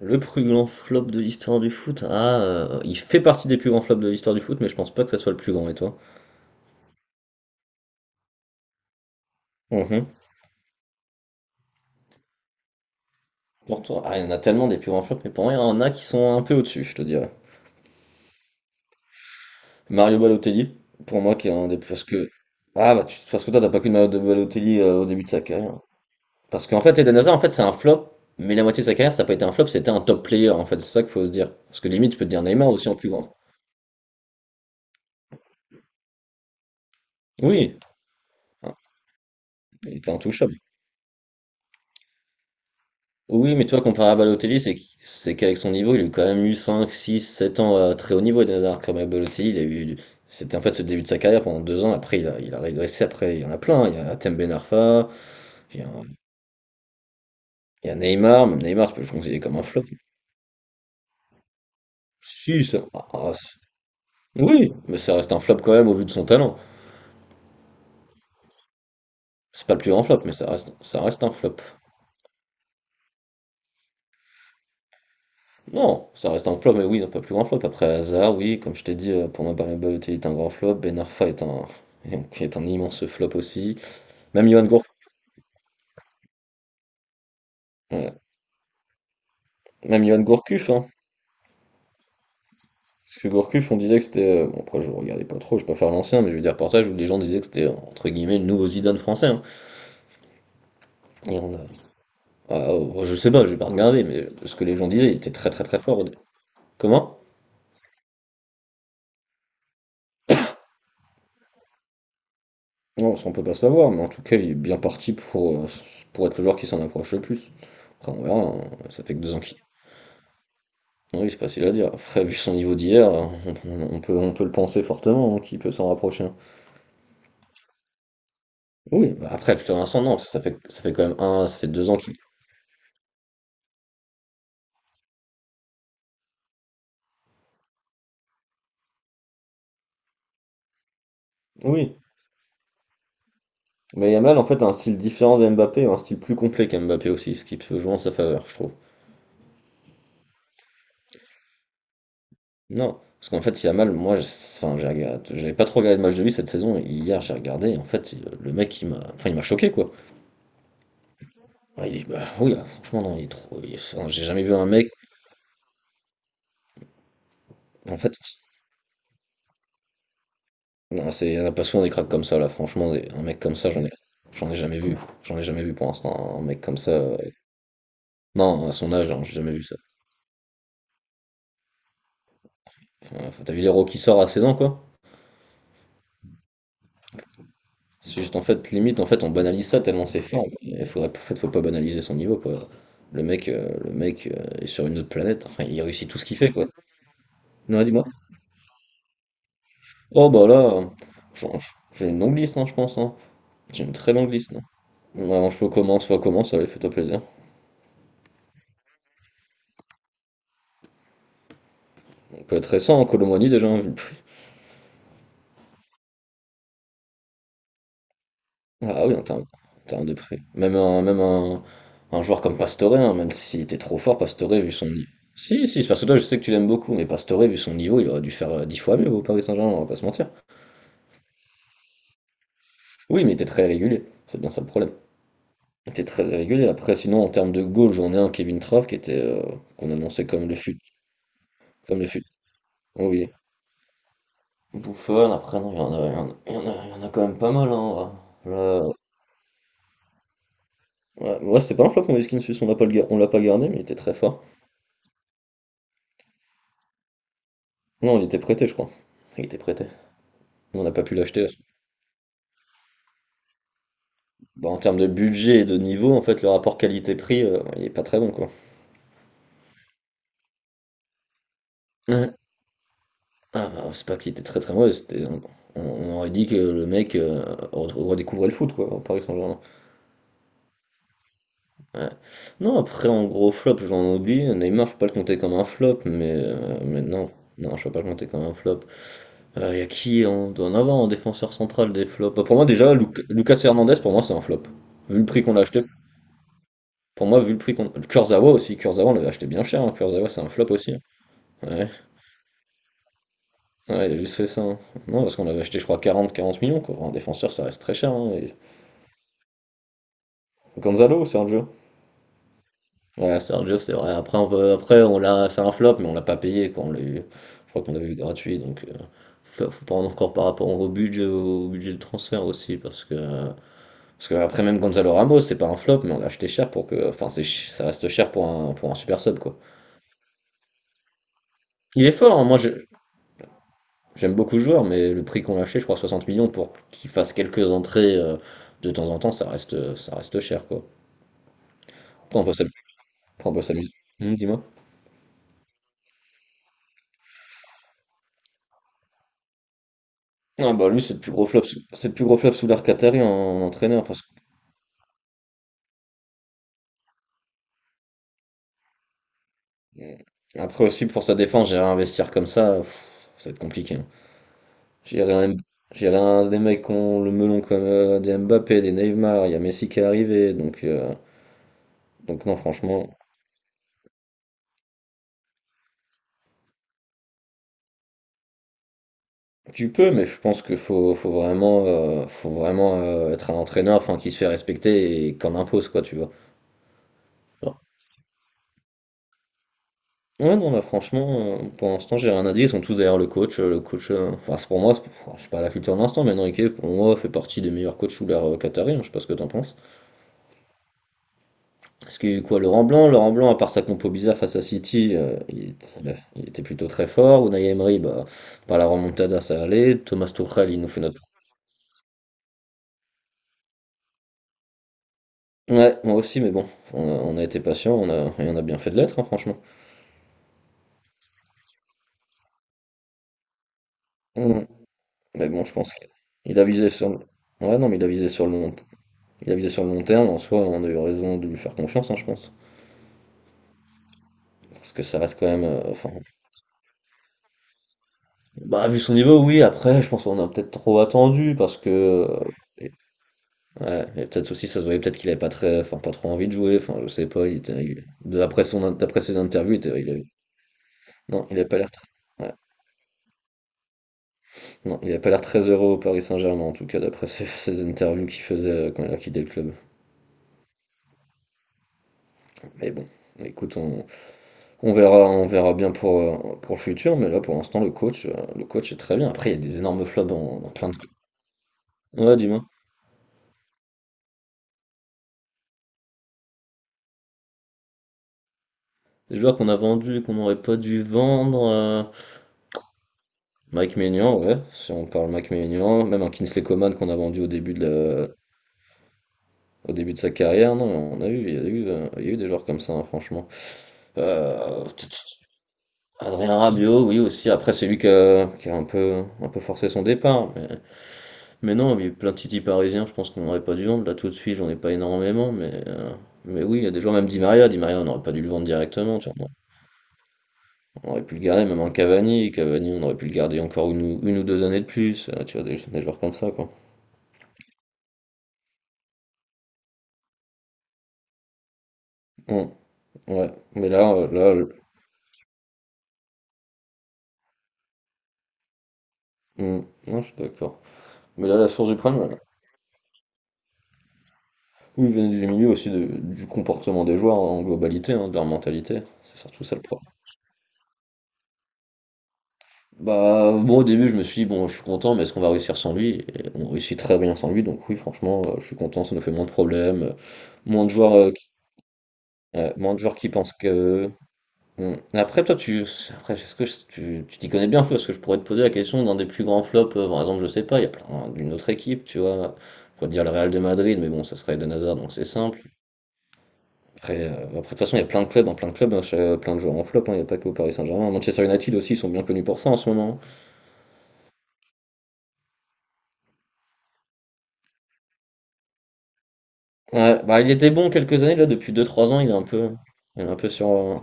Le plus grand flop de l'histoire du foot? Ah, il fait partie des plus grands flops de l'histoire du foot, mais je pense pas que ça soit le plus grand, et toi? Mmh. Pour toi? Ah, il y en a tellement des plus grands flops, mais pour moi, il y en a qui sont un peu au-dessus, je te dirais. Mario Balotelli, pour moi, qui est un des plus... Parce que ah, bah, tu parce que toi, t'as pas qu'une Mario de Balotelli, au début de sa carrière. Parce qu'en fait, Eden Hazard, en fait, c'est un flop, mais la moitié de sa carrière, ça a pas été un flop, c'était un top player, en fait, c'est ça qu'il faut se dire. Parce que limite, tu peux te dire Neymar aussi en plus grand. Oui, hein, il était intouchable. Oui, mais toi, comparé à Balotelli, c'est qu'avec son niveau, il a eu quand même eu 5, 6, 7 ans à très haut niveau. Et Nazar, comme à Balotelli, il a eu. C'était en fait ce début de sa carrière pendant 2 ans. Après, il a régressé. Après, il y en a plein, hein. Il y a Atem Ben Arfa, il y a, il y a Neymar. Même Neymar, tu peux le considérer comme un flop. Si, ça. Ah, ah, oui, mais ça reste un flop quand même au vu de son talent. C'est pas le plus grand flop, mais ça reste un flop. Non, ça reste un flop, mais oui, non, pas le plus grand flop. Après, Hazard, oui, comme je t'ai dit, pour moi, Balotelli est un grand flop. Ben Arfa est un immense flop aussi. Même Johan Gour... ouais. Même Johan Gourcuff, hein. Parce que Gourcuff, on disait que c'était, bon, après, je regardais pas trop, je préfère l'ancien, mais j'ai vu des reportages où les gens disaient que c'était, entre guillemets, le nouveau Zidane français, hein. Et on a- Ah, oh, je sais pas, j'ai pas regardé, mais ce que les gens disaient, il était très très très fort. Comment? Non, ça on peut pas savoir, mais en tout cas, il est bien parti pour être le joueur qui s'en approche le plus. Après, on verra, hein, ça fait que 2 ans qu'il. Oui, c'est facile à dire. Après, vu son niveau d'hier, on peut le penser fortement, hein, qu'il peut s'en rapprocher. Oui, bah après, plutôt Vincent, non, parce que ça fait quand même un, ça fait 2 ans qu'il. Oui, mais Yamal en fait a un style différent de Mbappé, un style plus complet qu'Mbappé aussi, ce qui peut jouer en sa faveur, je trouve. Non, parce qu'en fait, si Yamal, moi, enfin, j'avais pas trop regardé de match de lui cette saison, et hier j'ai regardé, et en fait, le mec, enfin, il m'a choqué, quoi. Ouais, bah, oui, ah, franchement, non, il est trop. Enfin, j'ai jamais vu un mec, en fait, non, on a pas souvent des cracks comme ça, là, franchement, un mec comme ça, j'en ai jamais vu, j'en ai jamais vu pour l'instant, un mec comme ça, non, à son âge, hein, j'ai jamais vu ça. Enfin, t'as vu l'héros qui sort à 16 ans, quoi? C'est juste, en fait, limite, en fait, on banalise ça tellement c'est fort. Il faudrait, en fait, faut pas banaliser son niveau, quoi. Le mec est sur une autre planète. Enfin, il réussit tout ce qu'il fait, quoi. Non, dis-moi. Oh, bah là, j'en- j'ai une longue liste, non, je pense, hein. J'ai une très longue liste, non? Ouais, je peux commencer, pas commencer, allez, fais-toi plaisir. On peut être récent, hein, Colomani, déjà, hein, Ah oui, en termes, de prix. Même un joueur comme Pastore, hein, même si t'es trop fort, Pastore, vu son niveau. Si, si, c'est parce que toi, je sais que tu l'aimes beaucoup, mais Pastore, vu son niveau, il aurait dû faire 10 fois mieux au Paris Saint-Germain, on va pas se mentir. Oui, mais il était très régulier. C'est bien ça le problème. Il était très régulier. Après, sinon, en termes de goal, j'en ai un, Kevin Trapp, qu'on annonçait comme le fut. Comme le fut. Oh, oui. Bouffon, après, non, il y en a, il y en a, il y en a, il y en a quand même pas mal, hein. Là, ouais, ouais, c'est pas un flop, Moïse Kean Sus, on l'a pas gardé, mais il était très fort. Non, il était prêté, je crois. Il était prêté. Nous, on n'a pas pu l'acheter. Bah, en termes de budget et de niveau, en fait, le rapport qualité-prix, il est pas très bon, quoi. Ouais. Ah, bah, c'est pas qu'il était très très mauvais, c'était... On aurait dit que le mec redécouvrait le foot, quoi, au Paris Saint-Germain. Ouais. Non, après, en gros flop, j'en oublie. Neymar, je peux pas le compter comme un flop, mais non. Non, je peux pas le compter comme un flop. Il y a qui On doit en avoir en défenseur central des flops. Bah, pour moi, déjà, Lucas Hernandez, pour moi, c'est un flop. Vu le prix qu'on l'a acheté. Pour moi, vu le prix qu'on... Kurzawa aussi, Kurzawa on l'avait acheté bien cher, hein. Kurzawa c'est un flop aussi, hein. Ouais. Ouais, il a juste fait ça, hein. Non, parce qu'on l'avait acheté je crois quarante millions, quoi. Un défenseur, ça reste très cher, hein, Gonzalo ou Sergio? Ouais, Sergio c'est vrai. Après, Après on l'a... c'est un flop, mais on l'a pas payé quand on l'a eu. Je crois qu'on l'avait eu gratuit, donc faut prendre encore par rapport au budget de transfert aussi, parce que. Parce que après même Gonzalo Ramos, c'est pas un flop, mais on l'a acheté cher pour que. Enfin, c'est... ça reste cher pour un, super sub, quoi. Il est fort, hein, j'aime beaucoup le joueur, mais le prix qu'on l'a acheté, je crois 60 millions, pour qu'il fasse quelques entrées de temps en temps, ça reste cher, quoi. Après, on peut s'amuser. Après, on peut s'amuser. Dis-moi. Ah bah lui, c'est le plus gros flop, c'est le plus gros flop sous l'ère qatari en entraîneur, parce que... Hmm. Après aussi, pour sa défense, gérer un vestiaire comme ça, pff, ça va être compliqué, hein. Gérer un, gérer des mecs qui ont le melon comme des Mbappé, des Neymar, il y a Messi qui est arrivé, donc non, franchement... Tu peux, mais je pense qu'il faut vraiment être un entraîneur enfin, qui se fait respecter et qu'on impose, quoi, tu vois. Genre. Ouais, non, bah, franchement, pour l'instant, j'ai rien à dire. Ils sont tous derrière le coach. Le coach, enfin, c'est pour moi, enfin, je sais pas la culture de l'instant, mais Enrique, pour moi, fait partie des meilleurs coachs sous l'ère qatari, hein, je sais pas ce que t'en penses. Parce qu'il quoi, Laurent Blanc? Laurent Blanc, à part sa compo bizarre face à City, il était plutôt très fort. Unai Emery, bah, par la remontada, ça allait. Thomas Tuchel, il nous fait notre... Ouais, moi aussi, mais bon, on a été patient, et on a bien fait de l'être, hein, franchement. Mm. Mais bon, je pense qu'il a visé sur le... Ouais, non, mais il a visé sur le long... Il a visé sur le long terme, en soi, on a eu raison de lui faire confiance, hein, je pense. Parce que ça reste quand même... enfin... Bah, vu son niveau, oui, après, je pense qu'on a peut-être trop attendu, parce que... euh, et- Ouais, et peut-être aussi, ça se voyait peut-être qu'il avait pas très... Enfin, pas trop envie de jouer, enfin, je sais pas, il était... D'après son... D'après ses interviews, il était... il avait... Non, il avait pas l'air... Non, il n'a pas l'air très heureux au Paris Saint-Germain, en tout cas, d'après ses, ses interviews qu'il faisait quand il a quitté le club. Mais bon, écoute, on verra, on verra bien pour le futur, mais là, pour l'instant, le coach est très bien. Après, il y a des énormes flops dans plein de... clubs. Ouais, dis-moi. Des joueurs qu'on a vendus, qu'on n'aurait pas dû vendre. Mike Maignan, ouais, si on parle Mike Maignan, même un Kingsley Coman qu'on a vendu au début de sa carrière. Non, on a eu, il y a eu, il y a eu des joueurs comme ça, hein, franchement. Euh, Adrien Rabiot, oui aussi. Après, c'est lui qui a un peu forcé son départ. Mais non, il y a eu plein de titis parisiens, je pense qu'on n'aurait pas dû vendre. Là, tout de suite, j'en ai pas énormément. Mais oui, il y a des joueurs, même Di Maria. Di Maria, on n'aurait pas dû le vendre directement, tu vois. On aurait pu le garder, même un Cavani. Cavani, on aurait pu le garder encore une ou deux années de plus. Tu vois, des joueurs comme ça, quoi. Hum, ouais. Hum, non, je suis d'accord. Mais là, la source du problème, voilà. Oui, il vient du milieu aussi du comportement des joueurs en globalité, hein, de leur mentalité. C'est surtout ça le problème. Bah, moi au début, je me suis dit, bon, je suis content, mais est-ce qu'on va réussir sans lui? Et on réussit très bien sans lui, donc oui, franchement, je suis content, ça nous fait moins de problèmes, moins de joueurs, ouais, moins de joueurs qui pensent que. Hmm. Après, tu t'y connais bien un peu? Parce que je pourrais te poser la question d'un des plus grands flops. Par exemple, je sais pas, il y a plein d'une autre équipe, tu vois, on pourrait te dire le Real de Madrid, mais bon, ça serait Eden Hazard, donc c'est simple. Après, de toute façon, il y a plein de clubs, hein, plein de clubs, hein, plein de joueurs en flop, hein, il n'y a pas que au Paris Saint-Germain. Manchester United aussi, ils sont bien connus pour ça en ce moment. Ouais, bah, il était bon quelques années, là, depuis deux trois ans, il est un peu sur.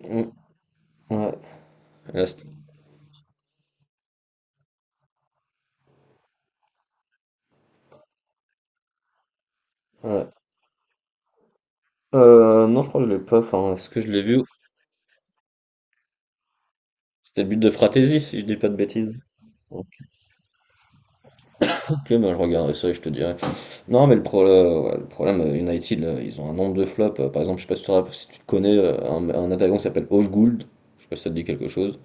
Mm. Ouais, là, c'était ouais. Non, je crois que je l'ai pas. Enfin, est-ce que je l'ai vu? C'était le but de Fratesi, si je dis pas de bêtises. Ok, bah, je regarderai ça et je te dirai. Non, mais le, pro- ouais, le problème, United, là, ils ont un nombre de flops. Par exemple, je sais pas si tu te connais, un attaquant qui s'appelle Højgård. Je sais pas si ça te dit quelque chose.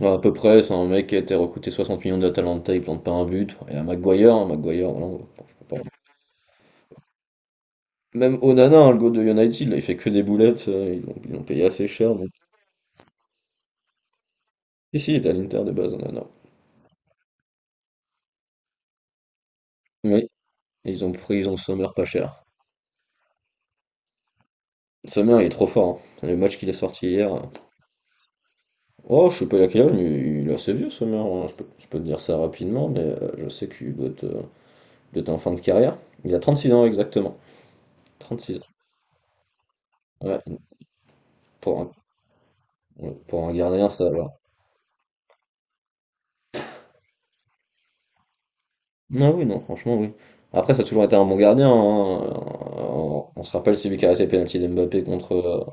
Ouais, à peu près, c'est un mec qui a été recruté 60 millions d'Atalanta, il plante pas un but. Il y a Maguire, hein, Maguire, voilà, je peux pas. Même Onana, hein, le goal de United, là, il fait que des boulettes, ils l'ont payé assez cher. Donc… Si, si, il était à l'Inter de base, Onana. Oui, ils ont Sommer pas cher. Sommer, il est trop fort, hein. Le match qu'il a sorti hier. Oh, je sais pas il a quel âge, mais il est assez vieux, Sommer, hein. Je peux te dire ça rapidement, mais je sais qu'il doit être en fin de carrière. Il a 36 ans exactement. 36 ans. Ouais, pour un, ouais, pour un gardien, ça va. Non, oui, non, franchement, oui. Après, ça a toujours été un bon gardien, hein. On se rappelle celui qui a arrêté le penalty d'Mbappé contre,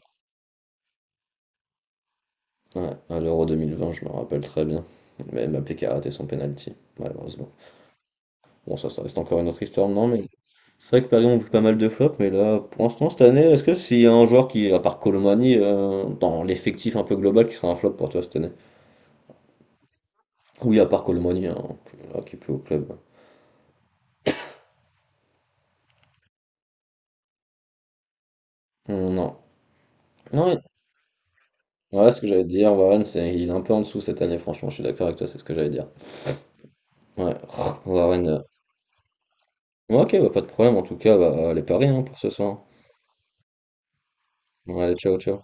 ouais, à l'Euro 2020, je me rappelle très bien. Mais Mbappé qui a raté son penalty, malheureusement. Bon, ça reste encore une autre histoire, non, mais c'est vrai que Paris ont vu pas mal de flops, mais là, pour l'instant, cette année, est-ce que s'il y a un joueur qui, à part Colomani, dans l'effectif un peu global, qui sera un flop pour toi cette année? Oui, à part Colomani, hein, là, qui est plus au club. Non. Non, oui. Ouais, ce que j'allais te dire, Warren, c'est, il est un peu en dessous cette année, franchement, je suis d'accord avec toi, c'est ce que j'allais dire. Ouais, oh, Warren. Ouais, ok, bah, pas de problème, en tout cas, bah, les paris hein, pour ce soir. Ouais, allez, ciao, ciao.